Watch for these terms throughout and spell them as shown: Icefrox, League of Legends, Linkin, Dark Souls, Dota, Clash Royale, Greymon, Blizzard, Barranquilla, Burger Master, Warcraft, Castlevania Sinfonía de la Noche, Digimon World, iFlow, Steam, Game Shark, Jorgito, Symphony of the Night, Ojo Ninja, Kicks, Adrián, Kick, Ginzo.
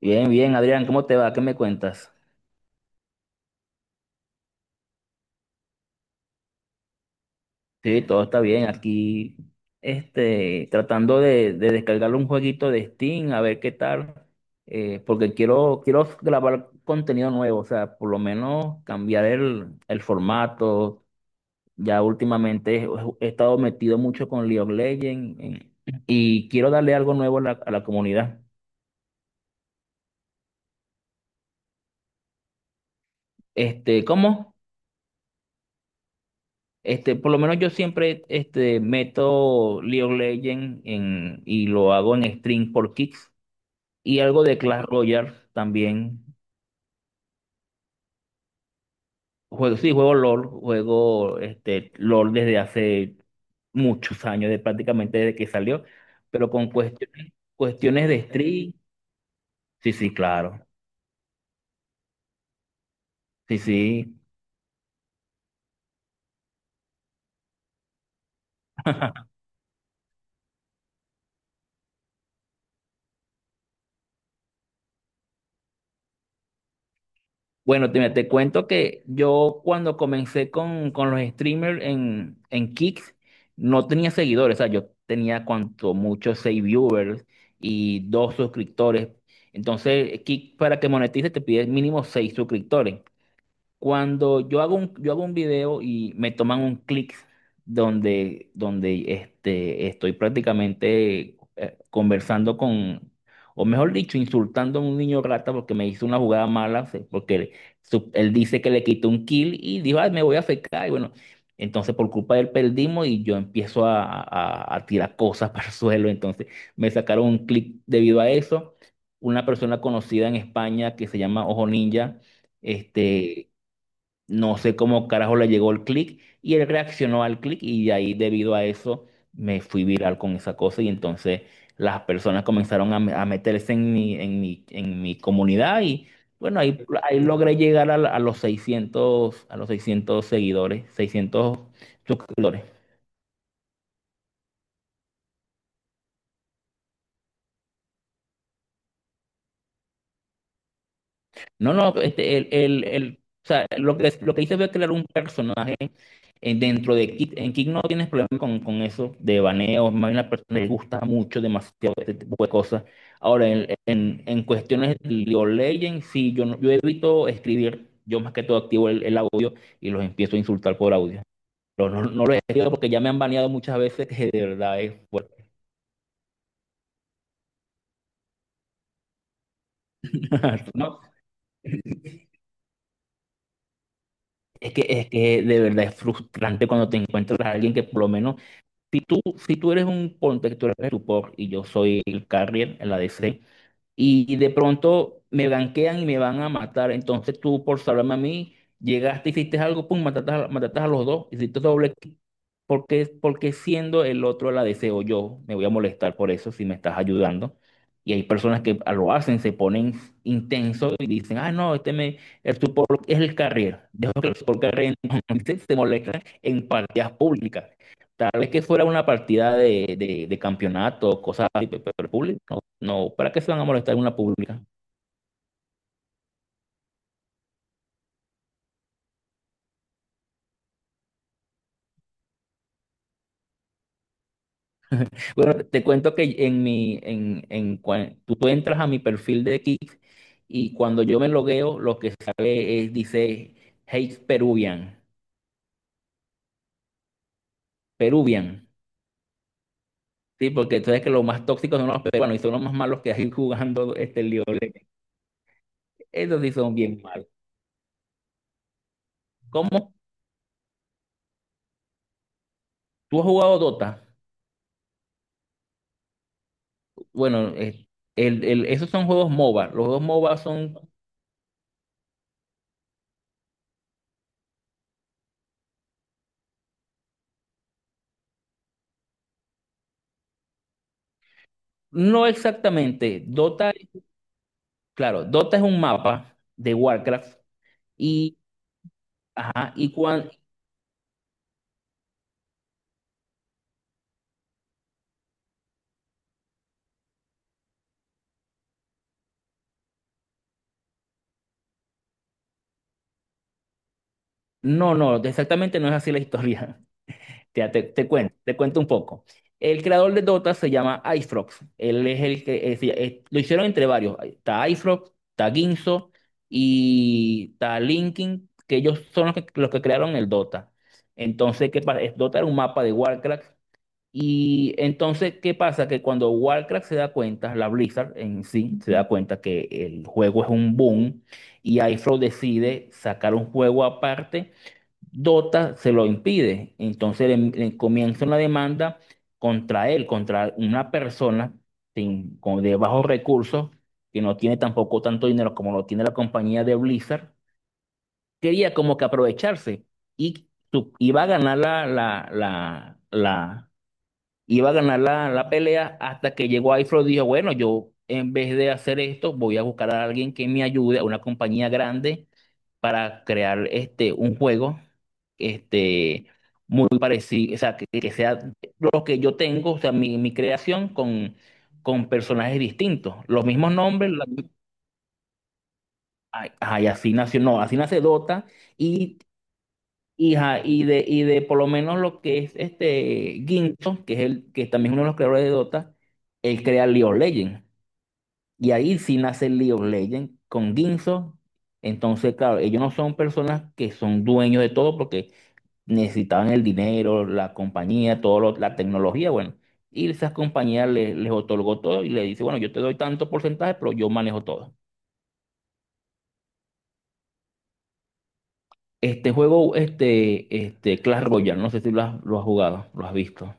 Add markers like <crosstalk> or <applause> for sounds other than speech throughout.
Bien, bien, Adrián, ¿cómo te va? ¿Qué me cuentas? Sí, todo está bien. Aquí, tratando de descargar un jueguito de Steam, a ver qué tal, porque quiero grabar contenido nuevo, o sea, por lo menos cambiar el formato. Ya últimamente he estado metido mucho con League of Legends y quiero darle algo nuevo a la comunidad. ¿Cómo? Por lo menos yo siempre meto League of Legends en, y lo hago en stream por Kicks. Y algo de Clash Royale también. Juego, sí, juego LOL, juego LOL desde hace muchos años, de, prácticamente desde que salió, pero con cuestiones de stream. Sí, sí, claro. Sí, sí. <laughs> Bueno, mira, te cuento que yo cuando comencé con los streamers en Kick, no tenía seguidores, o sea, yo tenía cuanto mucho seis viewers y dos suscriptores. Entonces, Kick para que monetice te pide mínimo seis suscriptores. Cuando yo hago un video y me toman un clic donde estoy prácticamente conversando con, o mejor dicho, insultando a un niño rata porque me hizo una jugada mala, porque él, él dice que le quitó un kill y dijo, "Ay, me voy a fecar. Y bueno, entonces por culpa de él perdimos y yo empiezo a tirar cosas <laughs> para el suelo. Entonces me sacaron un clic debido a eso. Una persona conocida en España que se llama Ojo Ninja. Este, no sé cómo carajo le llegó el clic y él reaccionó al clic y de ahí debido a eso me fui viral con esa cosa y entonces las personas comenzaron a meterse en mi comunidad y bueno, ahí logré llegar a los 600 seguidores, 600 suscriptores. No, no, o sea, lo que hice fue crear un personaje dentro de Kick, en Kick no tienes problema con eso de baneo, más bien a la persona le gusta mucho demasiado este tipo de cosas. Ahora, en cuestiones de League of Legends, sí, yo, no- yo evito escribir, yo más que todo activo el audio y los empiezo a insultar por audio. Pero no, no lo he escrito porque ya me han baneado muchas veces que de verdad es fuerte. <laughs> No, es que de verdad es frustrante cuando te encuentras a alguien que por lo menos, si tú eres un ponte, que tú eres el support y yo soy el carrier en la DC, y de pronto me ganquean y me van a matar. Entonces tú, por salvarme a mí, llegaste, hiciste algo, pum, mataste a los dos, hiciste doble clic. Porque siendo el otro la deseo yo, me voy a molestar por eso si me estás ayudando. Y hay personas que lo hacen, se ponen intensos y dicen, ah, no, el support es el carrier. Dejo que el support carrier <laughs> se molesta en partidas públicas. Tal vez que fuera una partida de campeonato, cosas así, pero público, no, ¿para qué se van a molestar en una pública? Bueno, te cuento que en mi, en, cua- tú entras a mi perfil de Kick y cuando yo me logueo, lo que sale es, dice, hate Peruvian, Peruvian, ¿sí? Porque tú sabes que los más tóxicos son los peruanos y son los más malos que hay <laughs> jugando este lío. Esos sí son bien malos. ¿Cómo? ¿Tú has jugado Dota? Bueno, esos son juegos MOBA. Los juegos MOBA son, no exactamente, Dota, claro, Dota es un mapa de Warcraft. Y, ajá, y cuando... No, no, exactamente no es así la historia. <laughs> Te cuento un poco. El creador de Dota se llama Icefrox. Él es el que... lo hicieron entre varios. Está Icefrox, está Ginzo y está Linkin, que ellos son los que crearon el Dota. Entonces, que para, Dota era un mapa de Warcraft. Y entonces, ¿qué pasa? Que cuando Warcraft se da cuenta, la Blizzard en sí se da cuenta que el juego es un boom y iFlow decide sacar un juego aparte, Dota se lo impide. Entonces le comienza una demanda contra él, contra una persona de bajos recursos, que no tiene tampoco tanto dinero como lo tiene la compañía de Blizzard. Quería como que aprovecharse y iba a ganar la pelea hasta que llegó iFlow y dijo, bueno, yo en vez de hacer esto, voy a buscar a alguien que me ayude, a una compañía grande, para crear un juego este, muy parecido, o sea, que sea lo que yo tengo, o sea, mi creación con personajes distintos, los mismos nombres, ay, ay, así nació, no, así nace Dota y... Y, ajá, y de por lo menos lo que es este Ginto, que es el que también es uno de los creadores de Dota, él crea League of Legends. Y ahí sí nace League of Legends con Ginzo. Entonces, claro, ellos no son personas que son dueños de todo porque necesitaban el dinero, la compañía, todo la tecnología, bueno. Y esas compañías les otorgó todo y le dice, bueno, yo te doy tanto porcentaje, pero yo manejo todo. Este juego, este Clash Royale, no sé si lo has jugado, lo has visto.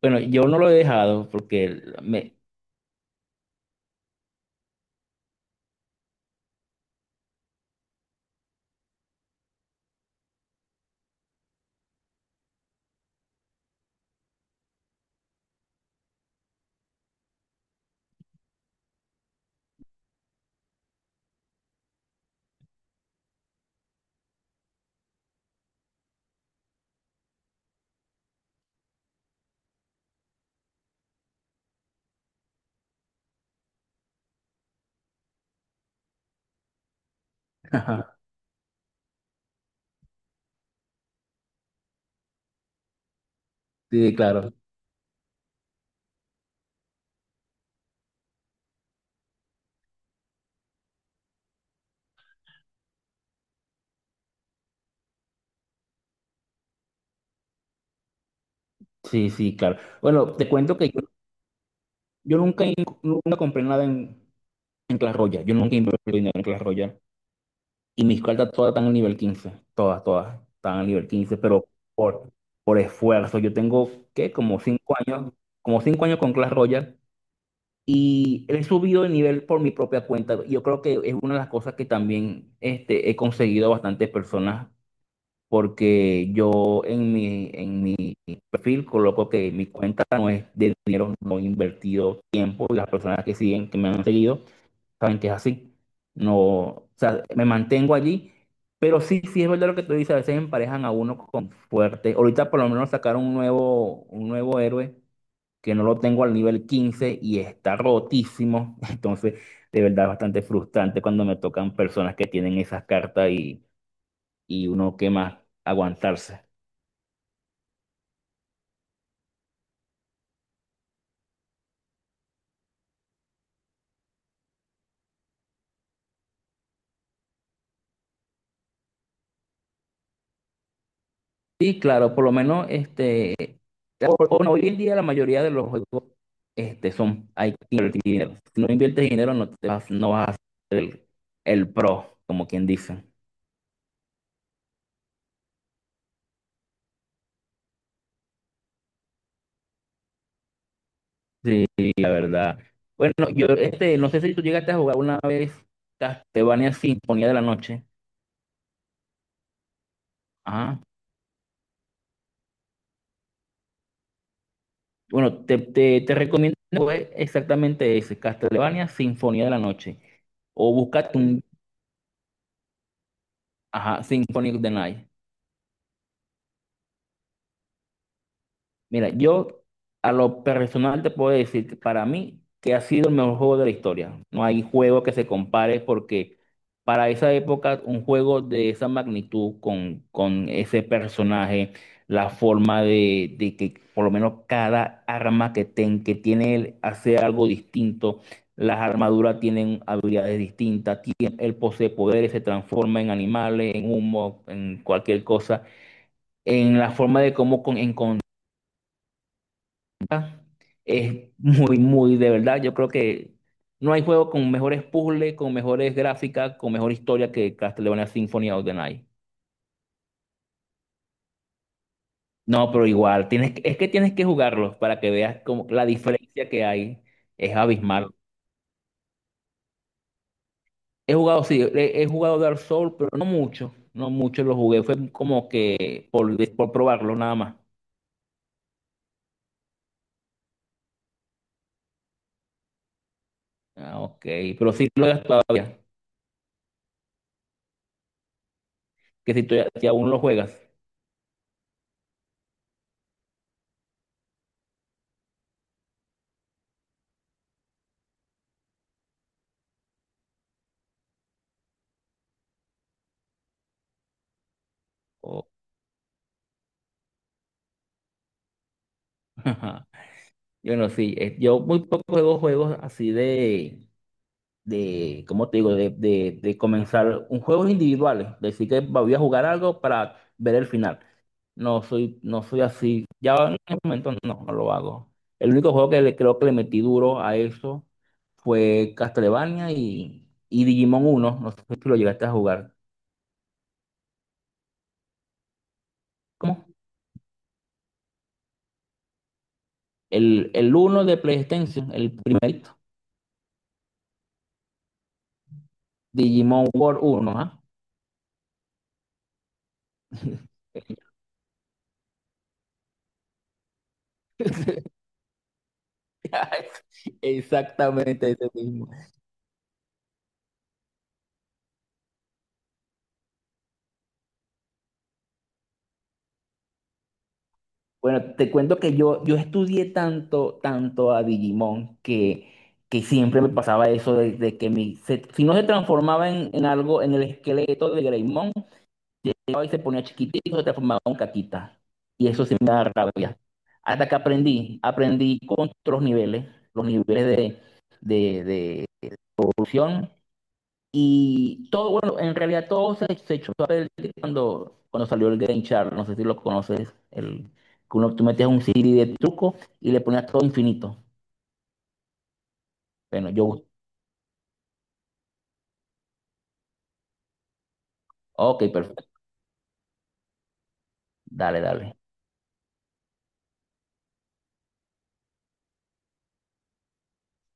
Bueno, yo no lo he dejado porque me... Ajá, sí, claro. Sí, sí, claro. Bueno, te cuento que yo nunca compré nada en Clash Royale. Yo nunca invertí dinero en Clash Royale. Y mis cartas todas están al nivel 15, todas, todas están al nivel quince, pero por, por esfuerzo. Yo tengo, ¿qué? Como 5 años, con Clash Royale. Y he subido de nivel por mi propia cuenta. Yo creo que es una de las cosas que también he conseguido a bastantes personas porque yo en mi perfil coloco que mi cuenta no es de dinero no invertido tiempo y las personas que siguen, que me han seguido, saben que es así. No, o sea, me mantengo allí, pero sí, sí es verdad lo que tú dices, a veces emparejan a uno con fuerte. Ahorita por lo menos sacaron un nuevo héroe que no lo tengo al nivel 15 y está rotísimo. <laughs> Entonces, de verdad es bastante frustrante cuando me tocan personas que tienen esas cartas y uno que más aguantarse. Sí, claro, por lo menos o no, hoy en día la mayoría de los juegos son, hay que invertir dinero. Si no inviertes dinero, no, te vas, no vas a ser el pro, como quien dice. Sí, sí, la verdad. Bueno, yo no sé si tú llegaste a jugar una vez Castlevania Sinfonía de la Noche. Ajá. Bueno, te recomiendo jugar exactamente ese, Castlevania Sinfonía de la Noche. O búscate ajá, Symphony of the Night. Mira, yo a lo personal te puedo decir que para mí que ha sido el mejor juego de la historia. No hay juego que se compare porque para esa época un juego de esa magnitud con ese personaje, la forma de que por lo menos cada arma que tiene él hace algo distinto, las armaduras tienen habilidades distintas, él posee poderes, se transforma en animales, en humo, en cualquier cosa en la forma de cómo es muy, muy de verdad. Yo creo que no hay juego con mejores puzzles, con mejores gráficas, con mejor historia que Castlevania Symphony of the Night. No, pero igual, es que tienes que jugarlos para que veas como la diferencia que hay. Es abismal. He jugado, sí, he jugado Dark Souls, pero no mucho. No mucho lo jugué. Fue como que por probarlo nada más. Ah, ok. Pero sí lo juegas todavía. Que si, si aún lo juegas. Oh. <laughs> Bueno, sí, yo muy poco juego juegos así ¿cómo te digo? De comenzar un juego individual, decir que voy a jugar algo para ver el final. No soy así. Ya en el momento no, no lo hago. El único juego que creo que le metí duro a eso fue Castlevania y Digimon uno. No sé si lo llegaste a jugar. ¿Cómo? El uno de PlayStation, el primerito. Digimon World uno. ¿Ah? <laughs> <laughs> Exactamente ese mismo. Bueno, te cuento que yo estudié tanto, tanto a Digimon que siempre me pasaba eso de que si no se transformaba en algo, en el esqueleto de Greymon, llegaba y se ponía chiquitito, se transformaba en caquita. Y eso sí me da rabia. Hasta que aprendí con otros niveles, los niveles de evolución. Y todo, bueno, en realidad todo se echó a perder cuando salió el Game Shark, no sé si lo conoces, que uno, tú metías un CD de truco y le ponías todo infinito. Bueno, ok, perfecto, dale, dale.